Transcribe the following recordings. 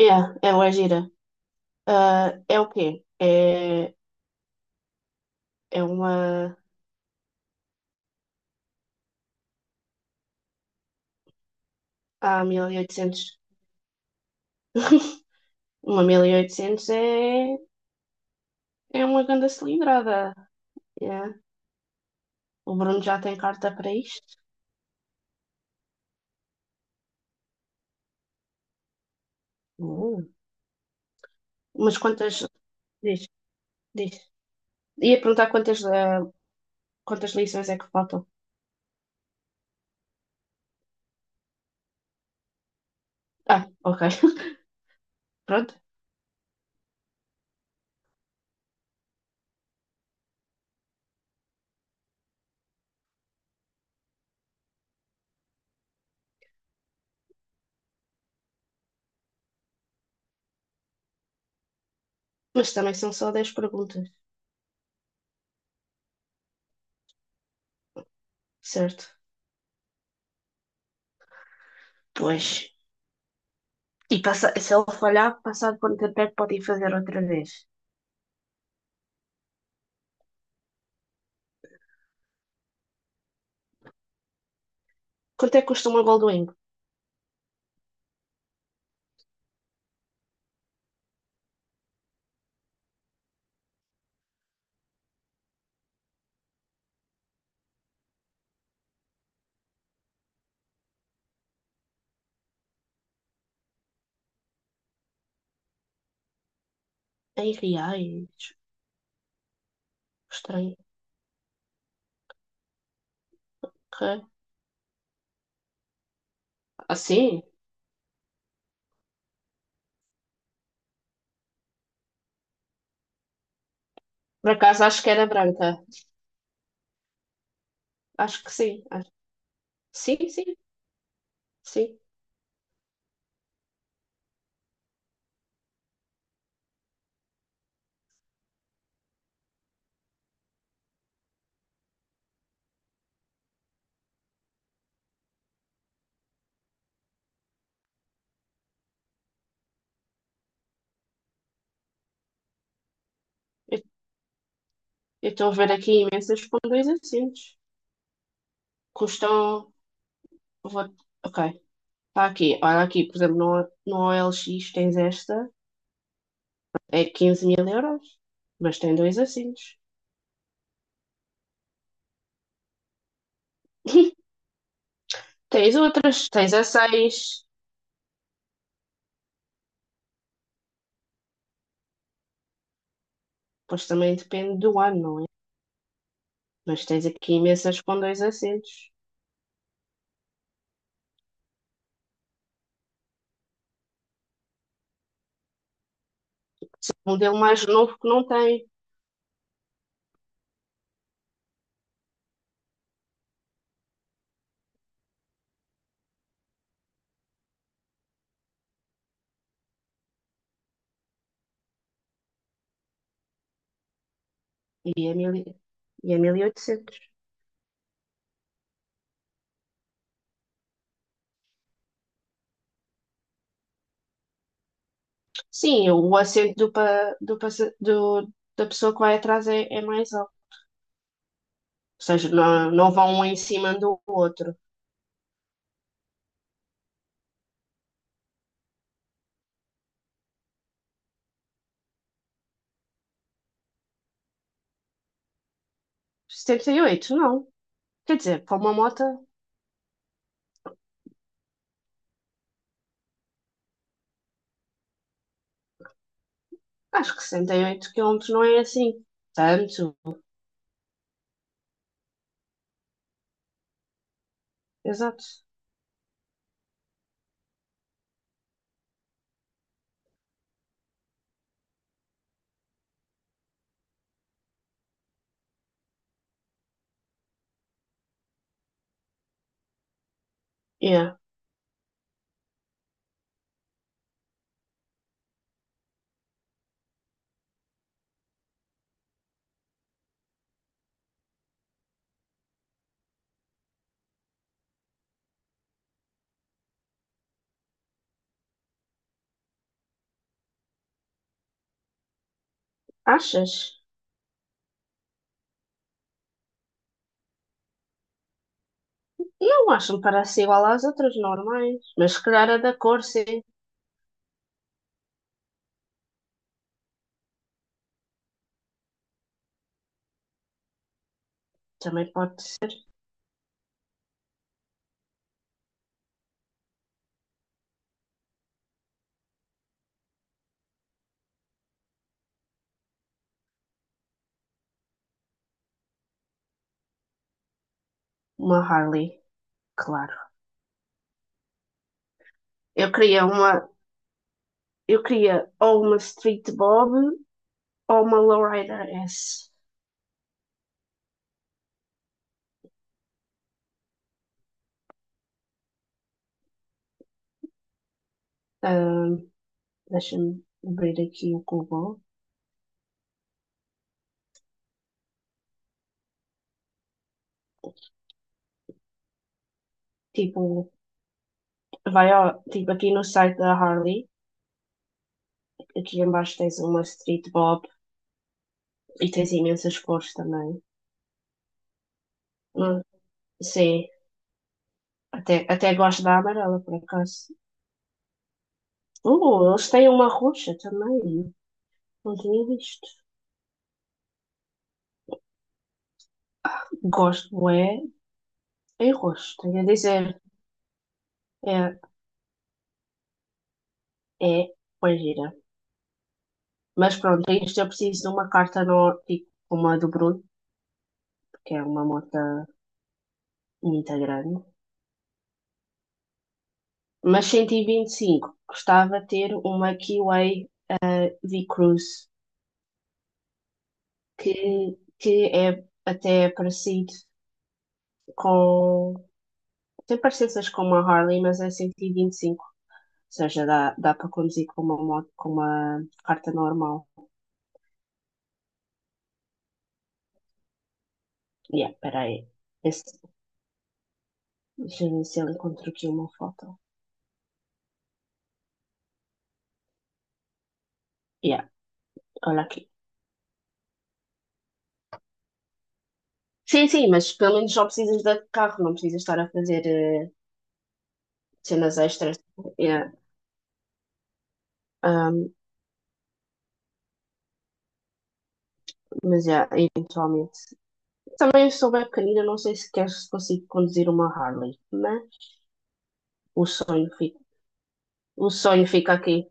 Yeah, ela é gira. Ah, é o quê? É uma a mil e oitocentos. Uma mil e oitocentos é uma grande cilindrada. Yeah. O Bruno já tem carta para isto. Uh. Mas quantas. Diz, diz. Ia perguntar quantas, quantas lições é que faltam. Ah, ok. Pronto. Mas também são só dez perguntas, certo? Pois. E passa, se ele falhar, passar quanto tempo é que pode ir fazer outra vez? Quanto é que custa uma Goldwing? Em reais. Estranho. Ok, assim sim? Por acaso acho que era branca. Acho que sim. Acho- sim, sim, sim. Eu eu estou a ver aqui imensas com dois assentos. Custam. Vou... Ok. Está aqui. Olha aqui, por exemplo, no OLX tens esta. É 15 mil euros. Mas tem dois assentos. Tens outras. Tens a seis. Pois também depende do ano, não é? Mas tens aqui imensas com dois assentos. Um modelo mais novo que não tem. E é mil e é 1800. Sim, o acerto do, pa- do, passa- do- da pessoa que vai atrás é mais alto. Ou seja, não vão um em cima do outro. 78, não. Quer dizer, para uma moto, acho que 68 quilômetros não é assim. Tanto. Exato. Yeah. Achas? Não, acho que parece igual às outras normais. Mas se calhar a da cor, sim. Também pode ser uma Harley, claro. Eu queria uma, eu queria ou uma Street Bob ou uma Lowrider S. Deixa-me abrir aqui o Google. Tipo, vai ao, tipo aqui no site da Harley, aqui em baixo tens uma Street Bob e tens imensas cores também. Não- sim, até gosto da amarela, por acaso. Eles têm uma roxa também. Não tinha visto. Gosto é em roxo, tenho a dizer. É, é, pois gira. Mas pronto, isto eu preciso de uma carta no, tipo, uma do Bruno, que é uma moto muito grande. Mas 125, gostava de ter uma Kiwi V Cruise, que é até parecido com. Tem parecências com uma Harley, mas é cento e vinte e cinco. Ou seja, dá para conduzir com uma moto, com uma carta normal. Yeah, espera aí. Esse- deixa eu ver se ele encontro aqui uma foto. Yeah, olha aqui. Sim, sim, mas pelo menos só precisas de carro, não precisas estar a fazer cenas extras. Yeah. Um, mas, yeah, eventualmente. Também sou bem pequenina, não sei se quer se consigo conduzir uma Harley, mas o sonho fica, o sonho fica aqui.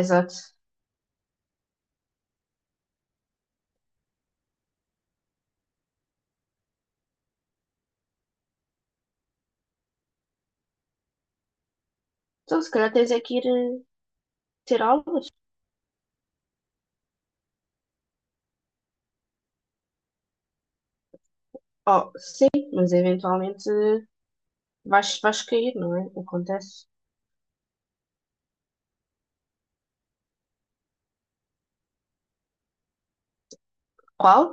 Exato. Então, se calhar tens é que ir ter aulas. Oh, sim, mas eventualmente vais, vais cair, não é? Acontece. Qual?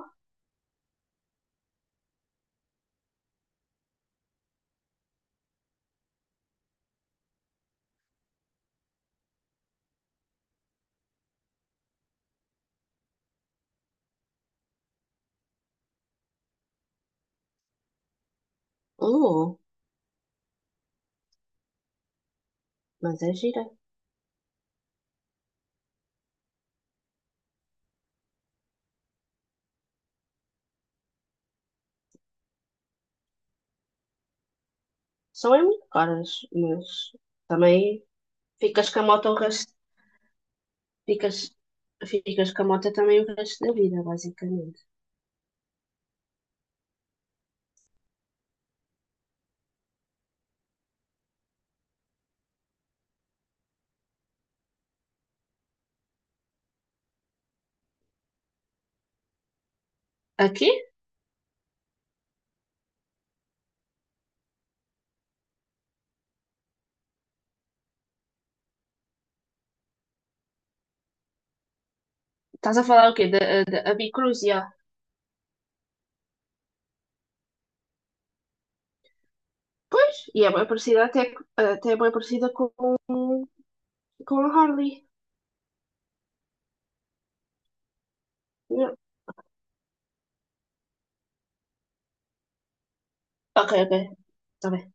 Uh, mas é gira. São é muito caras, mas também ficas com a moto o resto, ficas, ficas com a moto também o resto da vida, basicamente. Aqui? Estás a falar o quê? Da, da, a Bicruz, pois, e é bem parecida até, até é bem parecida com a Harley. Ok, ok, está bem.